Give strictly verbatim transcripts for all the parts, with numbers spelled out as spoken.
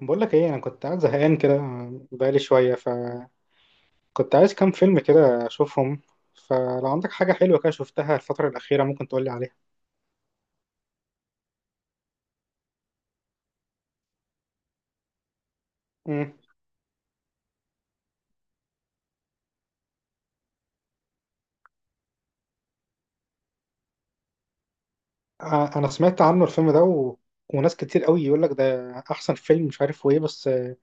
بقول لك ايه؟ انا كنت قاعد زهقان كده بقالي شويه، فكنت عايز كام فيلم كده اشوفهم. فلو عندك حاجه حلوه كده شفتها الفتره الاخيره، ممكن تقول لي عليها. امم. آه، انا سمعت عنه الفيلم ده و... وناس كتير قوي يقول لك ده احسن فيلم مش عارف وايه، بس آه،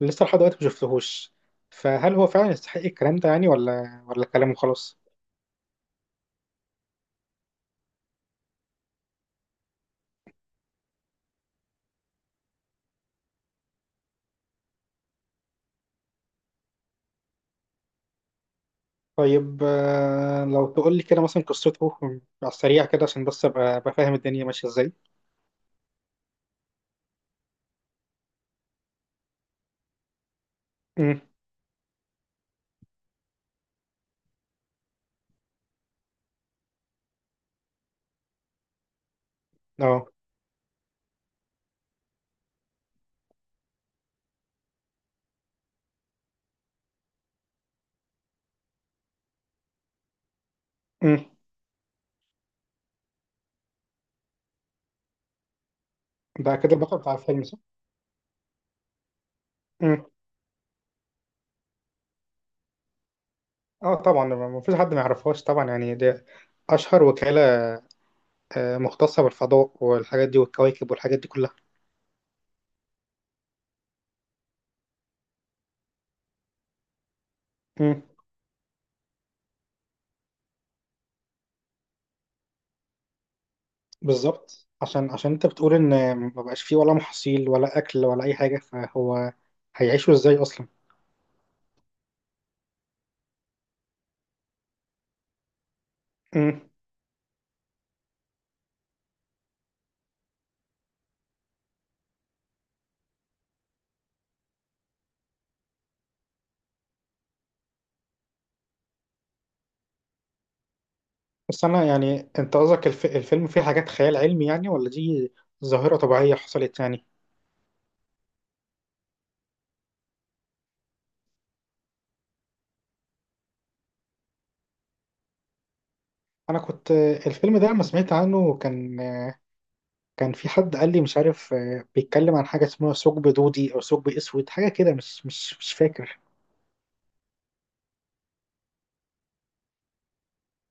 لسه لحد دلوقتي ما شفتهوش. فهل هو فعلا يستحق الكلام ده يعني ولا ولا كلامه خلاص؟ طيب. آه، لو تقول لي كده مثلا قصته على السريع كده، عشان بس ابقى أبقى فاهم الدنيا ماشيه ازاي. امم. اه. امم. ده كده البطل بتاع الفيلم؟ صح. اه طبعا، ما فيش حد ما يعرفهاش طبعا، يعني دي اشهر وكالة. آه، مختصة بالفضاء والحاجات دي والكواكب والحاجات دي كلها. مم. بالظبط، عشان عشان انت بتقول ان ما بقاش فيه ولا محاصيل ولا اكل ولا اي حاجة، فهو هيعيشوا ازاي اصلا؟ مم. بس انا يعني انت قصدك الف... الفيلم فيه حاجات خيال علمي يعني، ولا دي ظاهرة طبيعية حصلت يعني؟ انا كنت آه، الفيلم ده لما سمعت عنه كان، آه، كان في حد قال لي مش عارف آه، بيتكلم عن حاجة اسمها ثقب دودي او ثقب اسود، حاجة كده مش مش مش فاكر.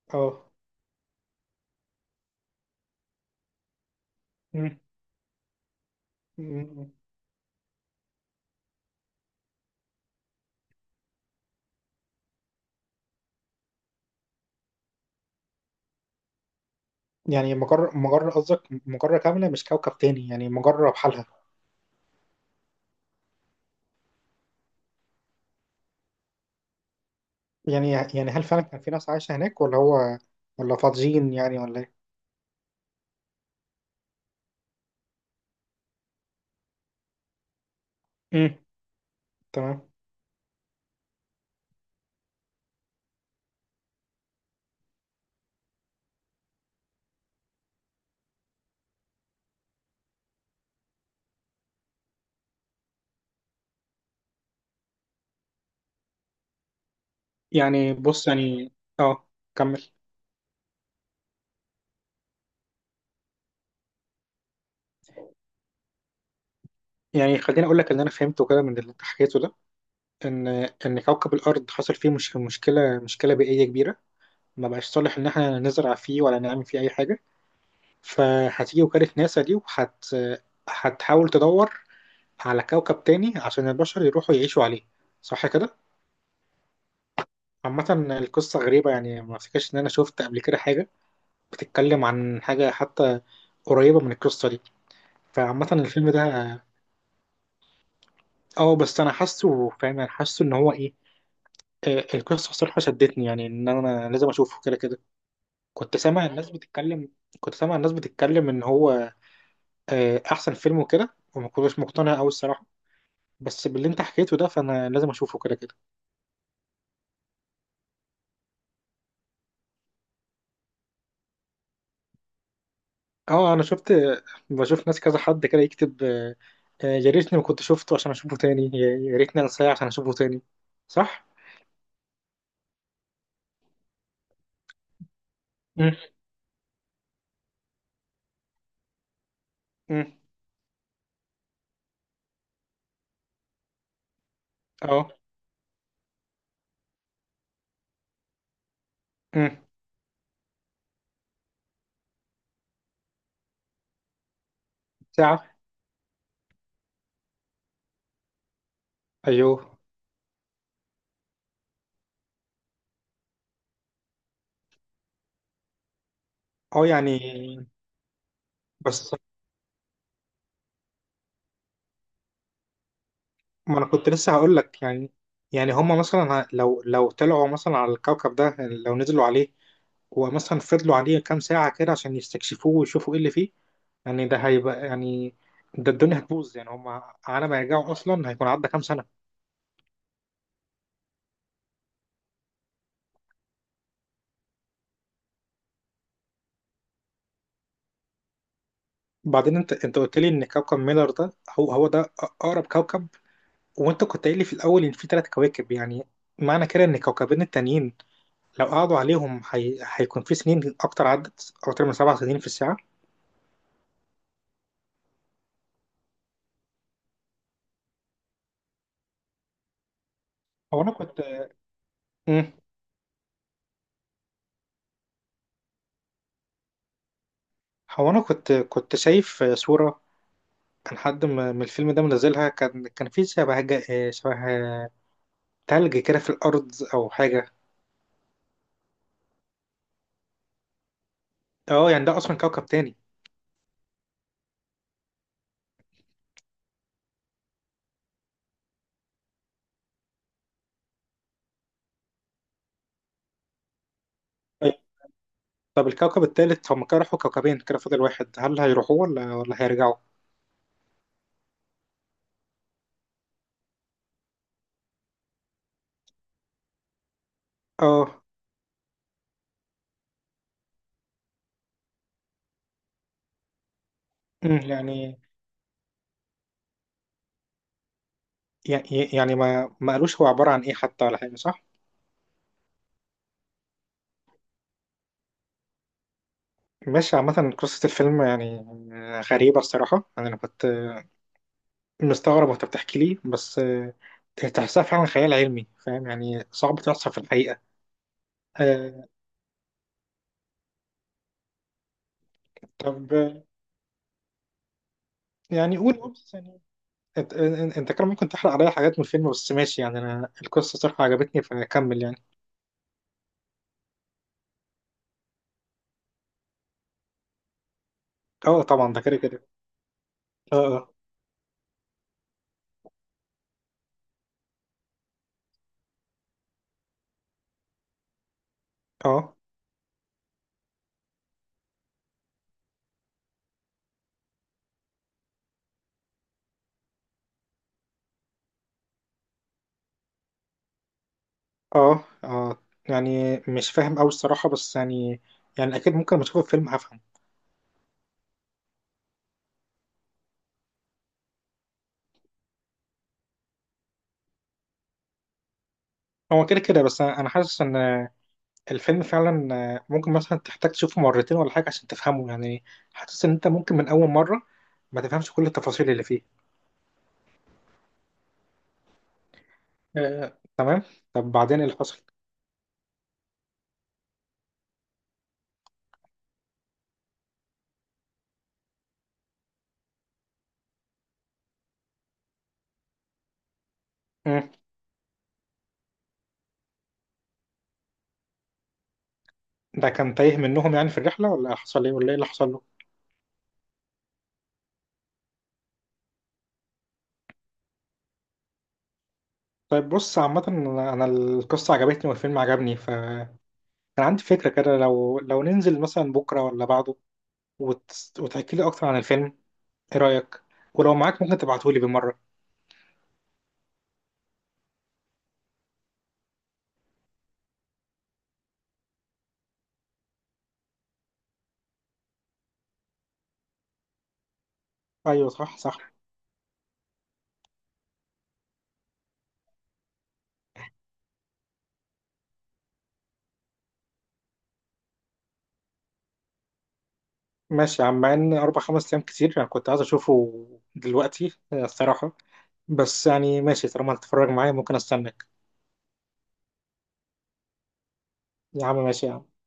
اه. مم. مم. يعني مجرة مجرة قصدك مجرة كاملة مش كوكب تاني، يعني مجرة بحالها؟ يعني يعني هل فعلا كان في ناس عايشة هناك، ولا هو ولا فاضيين يعني ولا ايه؟ مم. تمام. يعني بص يعني. اه، كمل. يعني خليني اقول لك اللي انا فهمته كده من اللي انت حكيته ده، ان ان كوكب الارض حصل فيه مش مشكله مشكله بيئيه كبيره، ما بقاش صالح ان احنا نزرع فيه ولا نعمل فيه اي حاجه. فهتيجي وكاله ناسا دي وهت هتحاول تدور على كوكب تاني عشان البشر يروحوا يعيشوا عليه. صح كده؟ عامة القصة غريبة يعني، ما افتكرش ان انا شفت قبل كده حاجة بتتكلم عن حاجة حتى قريبة من القصة دي. فعامة الفيلم ده اه، آه، بس انا حاسه فاهم، انا حاسه ان هو ايه. آه، القصة الصراحة شدتني، يعني ان انا لازم اشوفه كده كده. كنت سامع الناس بتتكلم كنت سامع الناس بتتكلم ان هو آه، احسن فيلم وكده، وما كنتش مقتنع قوي الصراحة. بس باللي انت حكيته ده، فانا لازم اشوفه كده كده. اه، انا شفت بشوف ناس كذا حد كده يكتب آه، آه، يا ريتني ما كنت شفته عشان اشوفه تاني، يا يا ريتني انساه عشان اشوفه تاني. صح؟ امم. امم. اه. امم. ساعة. ايوه. اه يعني. بس ما انا كنت لسه هقول لك يعني يعني هما مثلا ه- لو لو طلعوا مثلا على الكوكب ده، لو نزلوا عليه ومثلا فضلوا عليه كام ساعة كده عشان يستكشفوه ويشوفوا ايه اللي فيه، يعني ده هيبقى يعني ده الدنيا هتبوظ يعني، هما على ما يرجعوا اصلا هيكون عدى كام سنة. وبعدين انت انت قلت لي ان كوكب ميلر ده، هو هو ده اقرب كوكب، وانت كنت قايل لي في الاول ان في ثلاث كواكب، يعني معنى كده ان الكوكبين التانيين لو قعدوا عليهم هي... هيكون في سنين اكتر، عدت اكتر من سبع سنين في الساعه. هو انا كنت. مم. هو انا كنت كنت شايف صوره، كان حد م- من الفيلم ده منزلها، كان كان في شبه جا- شبه تلج كده في الارض او حاجه. اه يعني ده اصلا كوكب تاني؟ طيب. طب الكوكب التالت، هم كده راحوا كوكبين كده فاضل واحد، هل هيروحوه ولا ولا هيرجعوا؟ اه. مم، يعني. يع- يعني ما ما قالوش هو عبارة عن ايه حتى ولا حاجة، صح؟ ماشي. عامة قصة الفيلم يعني غريبة الصراحة، يعني أنا كنت مستغرب وأنت بتحكي لي، بس آه، تحسها فعلا خيال علمي، فاهم؟ يعني صعب تحصل في الحقيقة. آه، طب، آه، يعني قول قول بس يعني. أنت أنت أنت كان ممكن تحرق عليا حاجات من الفيلم، بس ماشي يعني، أنا القصة صراحة عجبتني فأكمل يعني. أه طبعا، ده كده كده. أه. أه. أه. أه. آه. يعني مش فاهم أوي الصراحة، بس يعني يعني أكيد ممكن لما أشوف الفيلم هفهم. هو كده كده، بس انا أنا حاسس ان الفيلم فعلا ممكن مثلا تحتاج تشوفه مرتين ولا حاجه عشان تفهمه يعني. حاسس ان انت ممكن من اول مره ما تفهمش كل التفاصيل اللي فيه. آه، تمام. طب بعدين ايه اللي حصل؟ مم. ده كان تايه منهم يعني في الرحله، ولا حصل ايه، ولا ايه اللي حصل له؟ طيب بص. عامه انا أنا القصه عجبتني والفيلم عجبني، فانا عندي فكره كده. لو لو ننزل مثلا بكره ولا بعده وت... وتحكي لي اكتر عن الفيلم، ايه رايك؟ ولو معاك ممكن تبعته لي بالمره. ايوه صح صح. ماشي يا عم. مع ان اربع خمس ايام كتير، انا كنت عايز اشوفه دلوقتي آه، الصراحه. بس يعني ماشي، طالما هتتفرج معايا ممكن استناك. يا عم ماشي يا عم.